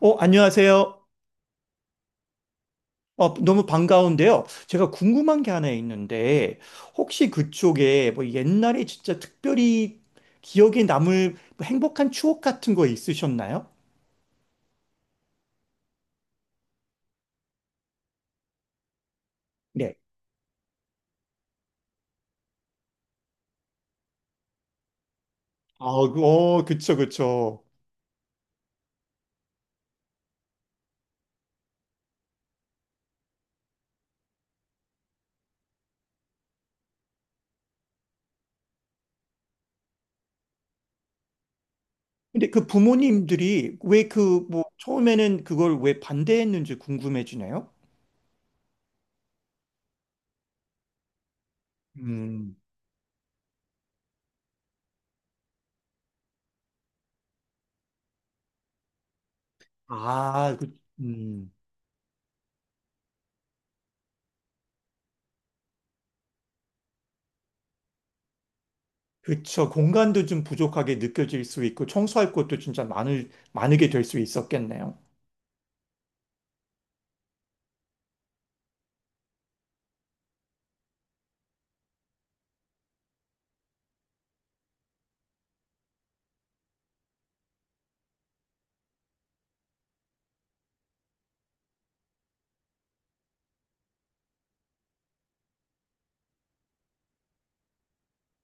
안녕하세요. 너무 반가운데요. 제가 궁금한 게 하나 있는데, 혹시 그쪽에 뭐 옛날에 진짜 특별히 기억에 남을 뭐 행복한 추억 같은 거 있으셨나요? 네. 아, 그쵸, 그쵸. 근데 그 부모님들이 왜 그 뭐 처음에는 그걸 왜 반대했는지 궁금해지네요. 음. 아, 그, 그쵸. 공간도 좀 부족하게 느껴질 수 있고, 청소할 것도 진짜 많게 될 수 있었겠네요.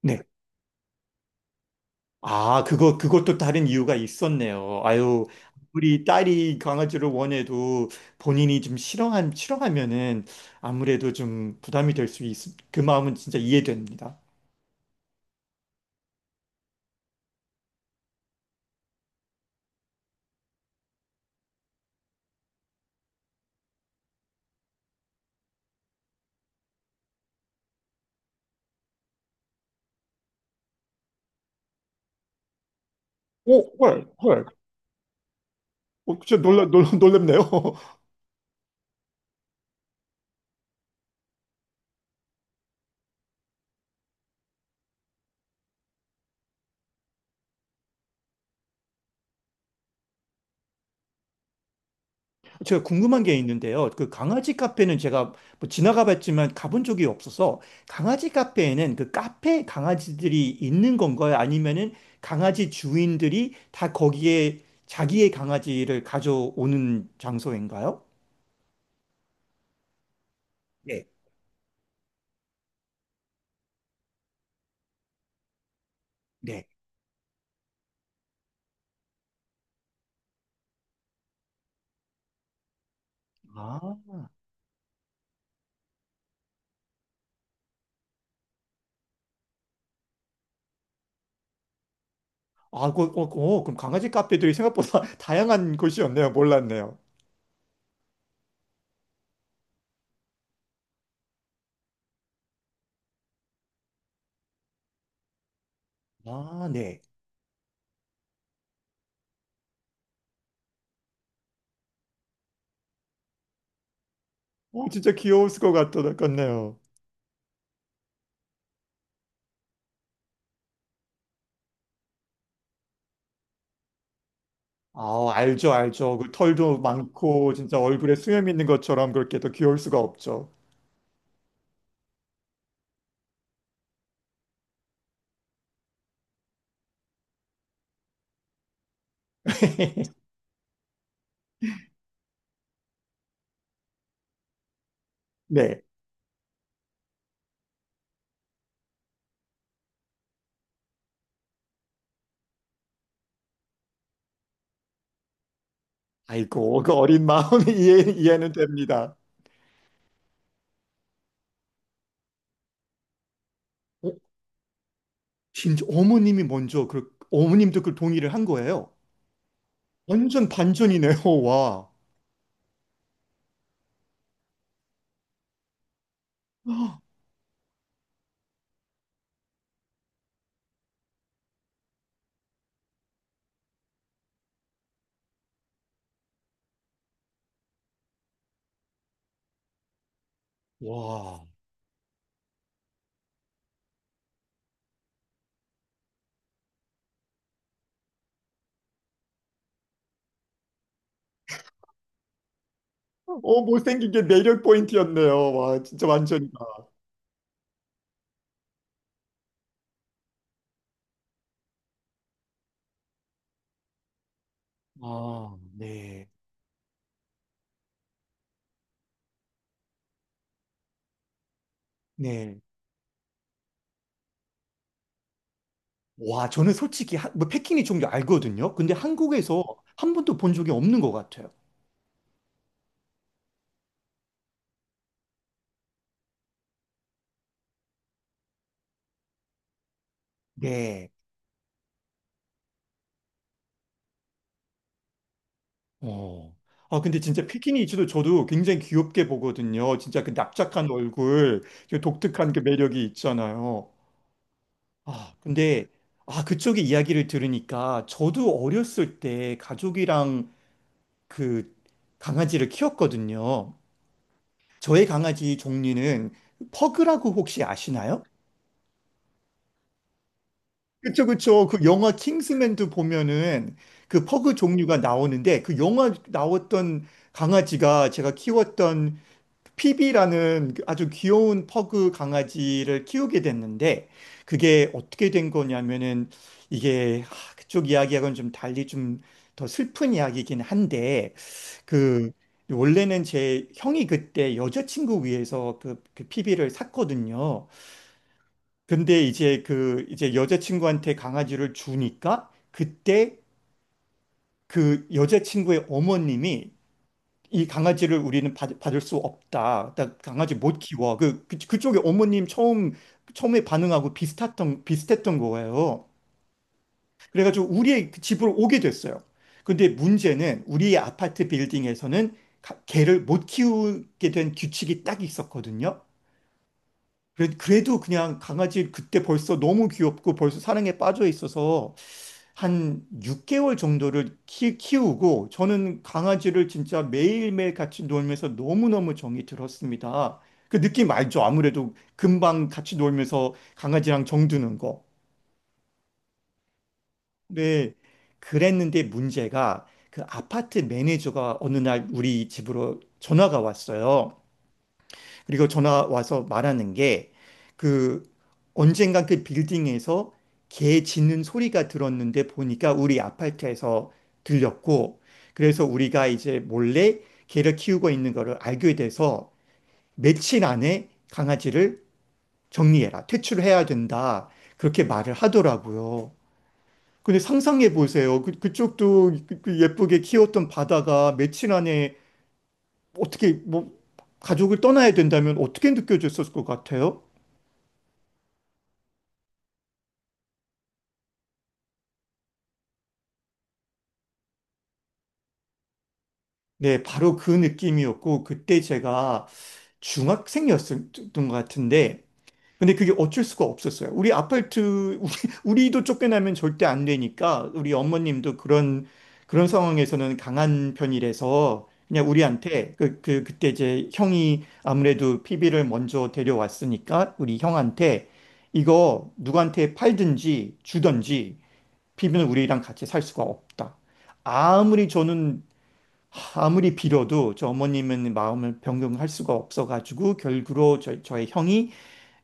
네. 아, 그것도 다른 이유가 있었네요. 아유, 우리 딸이 강아지를 원해도 본인이 좀 싫어하면은 아무래도 좀 부담이 될 수 있, 그 마음은 진짜 이해됩니다. 오, 헐, 헐. 진짜 놀랍네요. 제가 궁금한 게 있는데요. 그 강아지 카페는 제가 뭐 지나가 봤지만 가본 적이 없어서 강아지 카페에는 그 카페 강아지들이 있는 건가요? 아니면은 강아지 주인들이 다 거기에 자기의 강아지를 가져오는 장소인가요? 네, 네. 아, 아, 그럼 강아지 카페들이 생각보다 다양한 곳이었네요. 몰랐네요. 아, 네. 진짜 귀여웠을 것 같네요. 아, 알죠, 알죠. 그 털도 많고 진짜 얼굴에 수염 있는 것처럼 그렇게 더 귀여울 수가 없죠. 네. 아이고, 그 어린 마음이 이해는 됩니다. 어, 진짜 어머님이 먼저 그 어머님도 그 동의를 한 거예요. 완전 반전이네요. 와. 와. 못생긴 게 매력 포인트였네요. 와, 진짜 완전이다. 아, 네. 네. 와, 저는 솔직히 뭐 패키니 종류 알거든요. 근데 한국에서 한 번도 본 적이 없는 것 같아요. 네. 어. 아, 근데 진짜 피키니즈도 저도 굉장히 귀엽게 보거든요. 진짜 그 납작한 얼굴, 그 독특한 그 매력이 있잖아요. 아, 근데, 아, 그쪽의 이야기를 들으니까 저도 어렸을 때 가족이랑 그 강아지를 키웠거든요. 저의 강아지 종류는 퍼그라고 혹시 아시나요? 그쵸, 그쵸. 그 영화 킹스맨도 보면은 그 퍼그 종류가 나오는데 그 영화 나왔던 강아지가 제가 키웠던 피비라는 그 아주 귀여운 퍼그 강아지를 키우게 됐는데 그게 어떻게 된 거냐면은 이게 그쪽 이야기하고는 좀 달리 좀 더 슬픈 이야기이긴 한데 그 원래는 제 형이 그때 여자친구 위해서 그 피비를 샀거든요. 근데 이제 그 이제 여자친구한테 강아지를 주니까 그때 그 여자친구의 어머님이 이 강아지를 우리는 받을 수 없다. 나 강아지 못 키워. 그 그쪽에 어머님 처음에 반응하고 비슷했던 거예요. 그래가지고 우리의 그 집으로 오게 됐어요. 근데 문제는 우리의 아파트 빌딩에서는 개를 못 키우게 된 규칙이 딱 있었거든요. 그래도 그냥 강아지 그때 벌써 너무 귀엽고 벌써 사랑에 빠져 있어서 한 6개월 정도를 키우고 저는 강아지를 진짜 매일매일 같이 놀면서 너무너무 정이 들었습니다. 그 느낌 알죠? 아무래도 금방 같이 놀면서 강아지랑 정드는 거. 네. 그랬는데 문제가 그 아파트 매니저가 어느 날 우리 집으로 전화가 왔어요. 그리고 전화 와서 말하는 게 그 언젠가 그 빌딩에서 개 짖는 소리가 들었는데 보니까 우리 아파트에서 들렸고 그래서 우리가 이제 몰래 개를 키우고 있는 거를 알게 돼서 며칠 안에 강아지를 정리해라. 퇴출해야 된다. 그렇게 말을 하더라고요. 근데 상상해 보세요. 그쪽도 그 예쁘게 키웠던 바다가 며칠 안에 어떻게 뭐 가족을 떠나야 된다면 어떻게 느껴졌을 것 같아요? 네, 바로 그 느낌이었고, 그때 제가 중학생이었던 것 같은데, 근데 그게 어쩔 수가 없었어요. 우리, 우리도 쫓겨나면 절대 안 되니까, 우리 어머님도 그런 상황에서는 강한 편이라서, 그냥 우리한테, 그때 이제 형이 아무래도 PB를 먼저 데려왔으니까, 우리 형한테, 이거 누구한테 팔든지 주든지, PB는 우리랑 같이 살 수가 없다. 아무리 저는 아무리 빌어도 저 어머님은 마음을 변경할 수가 없어가지고 결국으로 저의 형이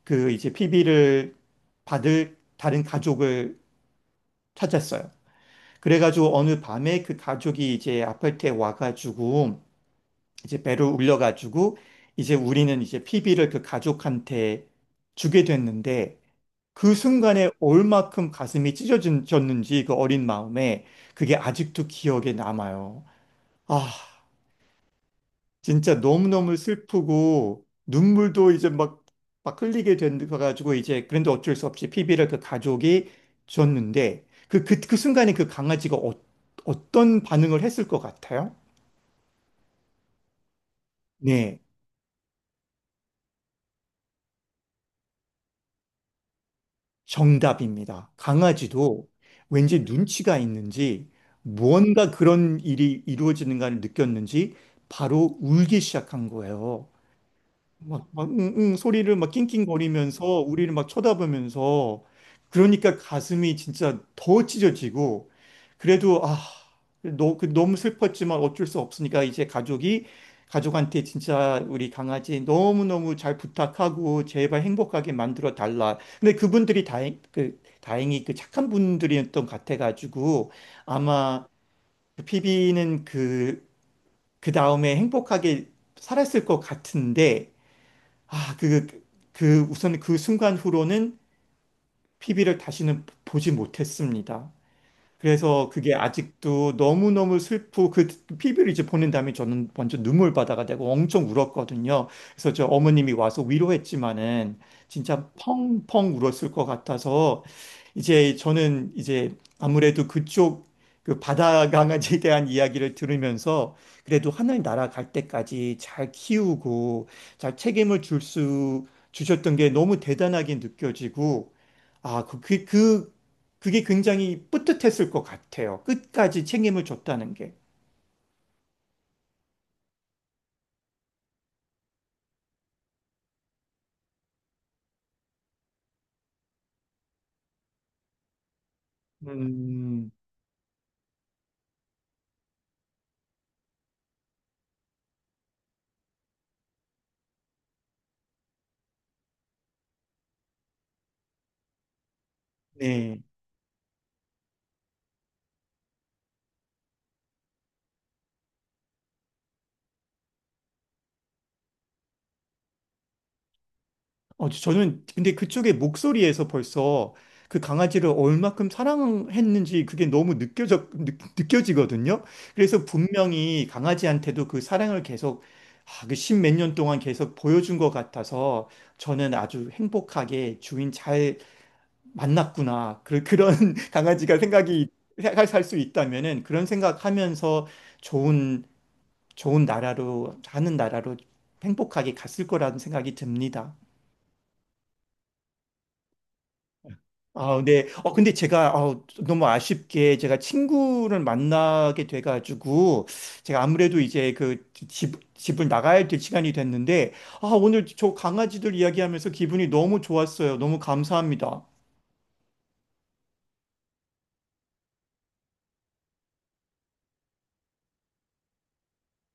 그 이제 피비를 받을 다른 가족을 찾았어요. 그래가지고 어느 밤에 그 가족이 이제 아파트에 와가지고 이제 배를 울려가지고 이제 우리는 이제 피비를 그 가족한테 주게 됐는데 그 순간에 얼마큼 가슴이 찢어졌는지 그 어린 마음에 그게 아직도 기억에 남아요. 아... 진짜 너무너무 슬프고 눈물도 이제 막 흘리게 돼가지고 이제 그런데 어쩔 수 없이 피비를 그 가족이 줬는데 그 순간에 그 강아지가 어떤 반응을 했을 것 같아요? 네, 정답입니다. 강아지도 왠지 눈치가 있는지 무언가 그런 일이 이루어지는가를 느꼈는지 바로 울기 시작한 거예요. 막 응응 소리를 막 낑낑거리면서 우리를 막 쳐다보면서 그러니까 가슴이 진짜 더 찢어지고 그래도 아, 그 너무 슬펐지만 어쩔 수 없으니까 이제 가족이 가족한테 진짜 우리 강아지 너무너무 잘 부탁하고 제발 행복하게 만들어 달라. 근데 그분들이 다행히 그 착한 분들이었던 것 같아가지고 아마 그 피비는 그 다음에 행복하게 살았을 것 같은데 아, 우선 그 순간 후로는 피비를 다시는 보지 못했습니다. 그래서 그게 아직도 너무너무 슬프고 그 피비를 이제 보낸 다음에 저는 먼저 눈물바다가 되고 엄청 울었거든요. 그래서 저 어머님이 와서 위로했지만은 진짜 펑펑 울었을 것 같아서 이제 저는 이제 아무래도 그쪽 그 바다 강아지에 대한 이야기를 들으면서 그래도 하나님 나라 갈 때까지 잘 키우고 잘 책임을 줄 수 주셨던 게 너무 대단하게 느껴지고 아, 그게 굉장히 뿌듯했을 것 같아요. 끝까지 책임을 줬다는 게. 음, 네. 저는 근데 그쪽의 목소리에서 벌써 그 강아지를 얼마큼 사랑했는지 그게 너무 느껴지거든요. 그래서 분명히 강아지한테도 그 사랑을 계속 그십몇 년 동안 계속 보여준 것 같아서 저는 아주 행복하게 주인 잘 만났구나. 그런 강아지가 생각이, 살 수 있다면은 그런 생각하면서 좋은 좋은 나라로 행복하게 갔을 거라는 생각이 듭니다. 아, 네. 근데 제가 너무 아쉽게 제가 친구를 만나게 돼가지고 제가 아무래도 이제 그 집을 나가야 될 시간이 됐는데 아, 오늘 저 강아지들 이야기하면서 기분이 너무 좋았어요. 너무 감사합니다.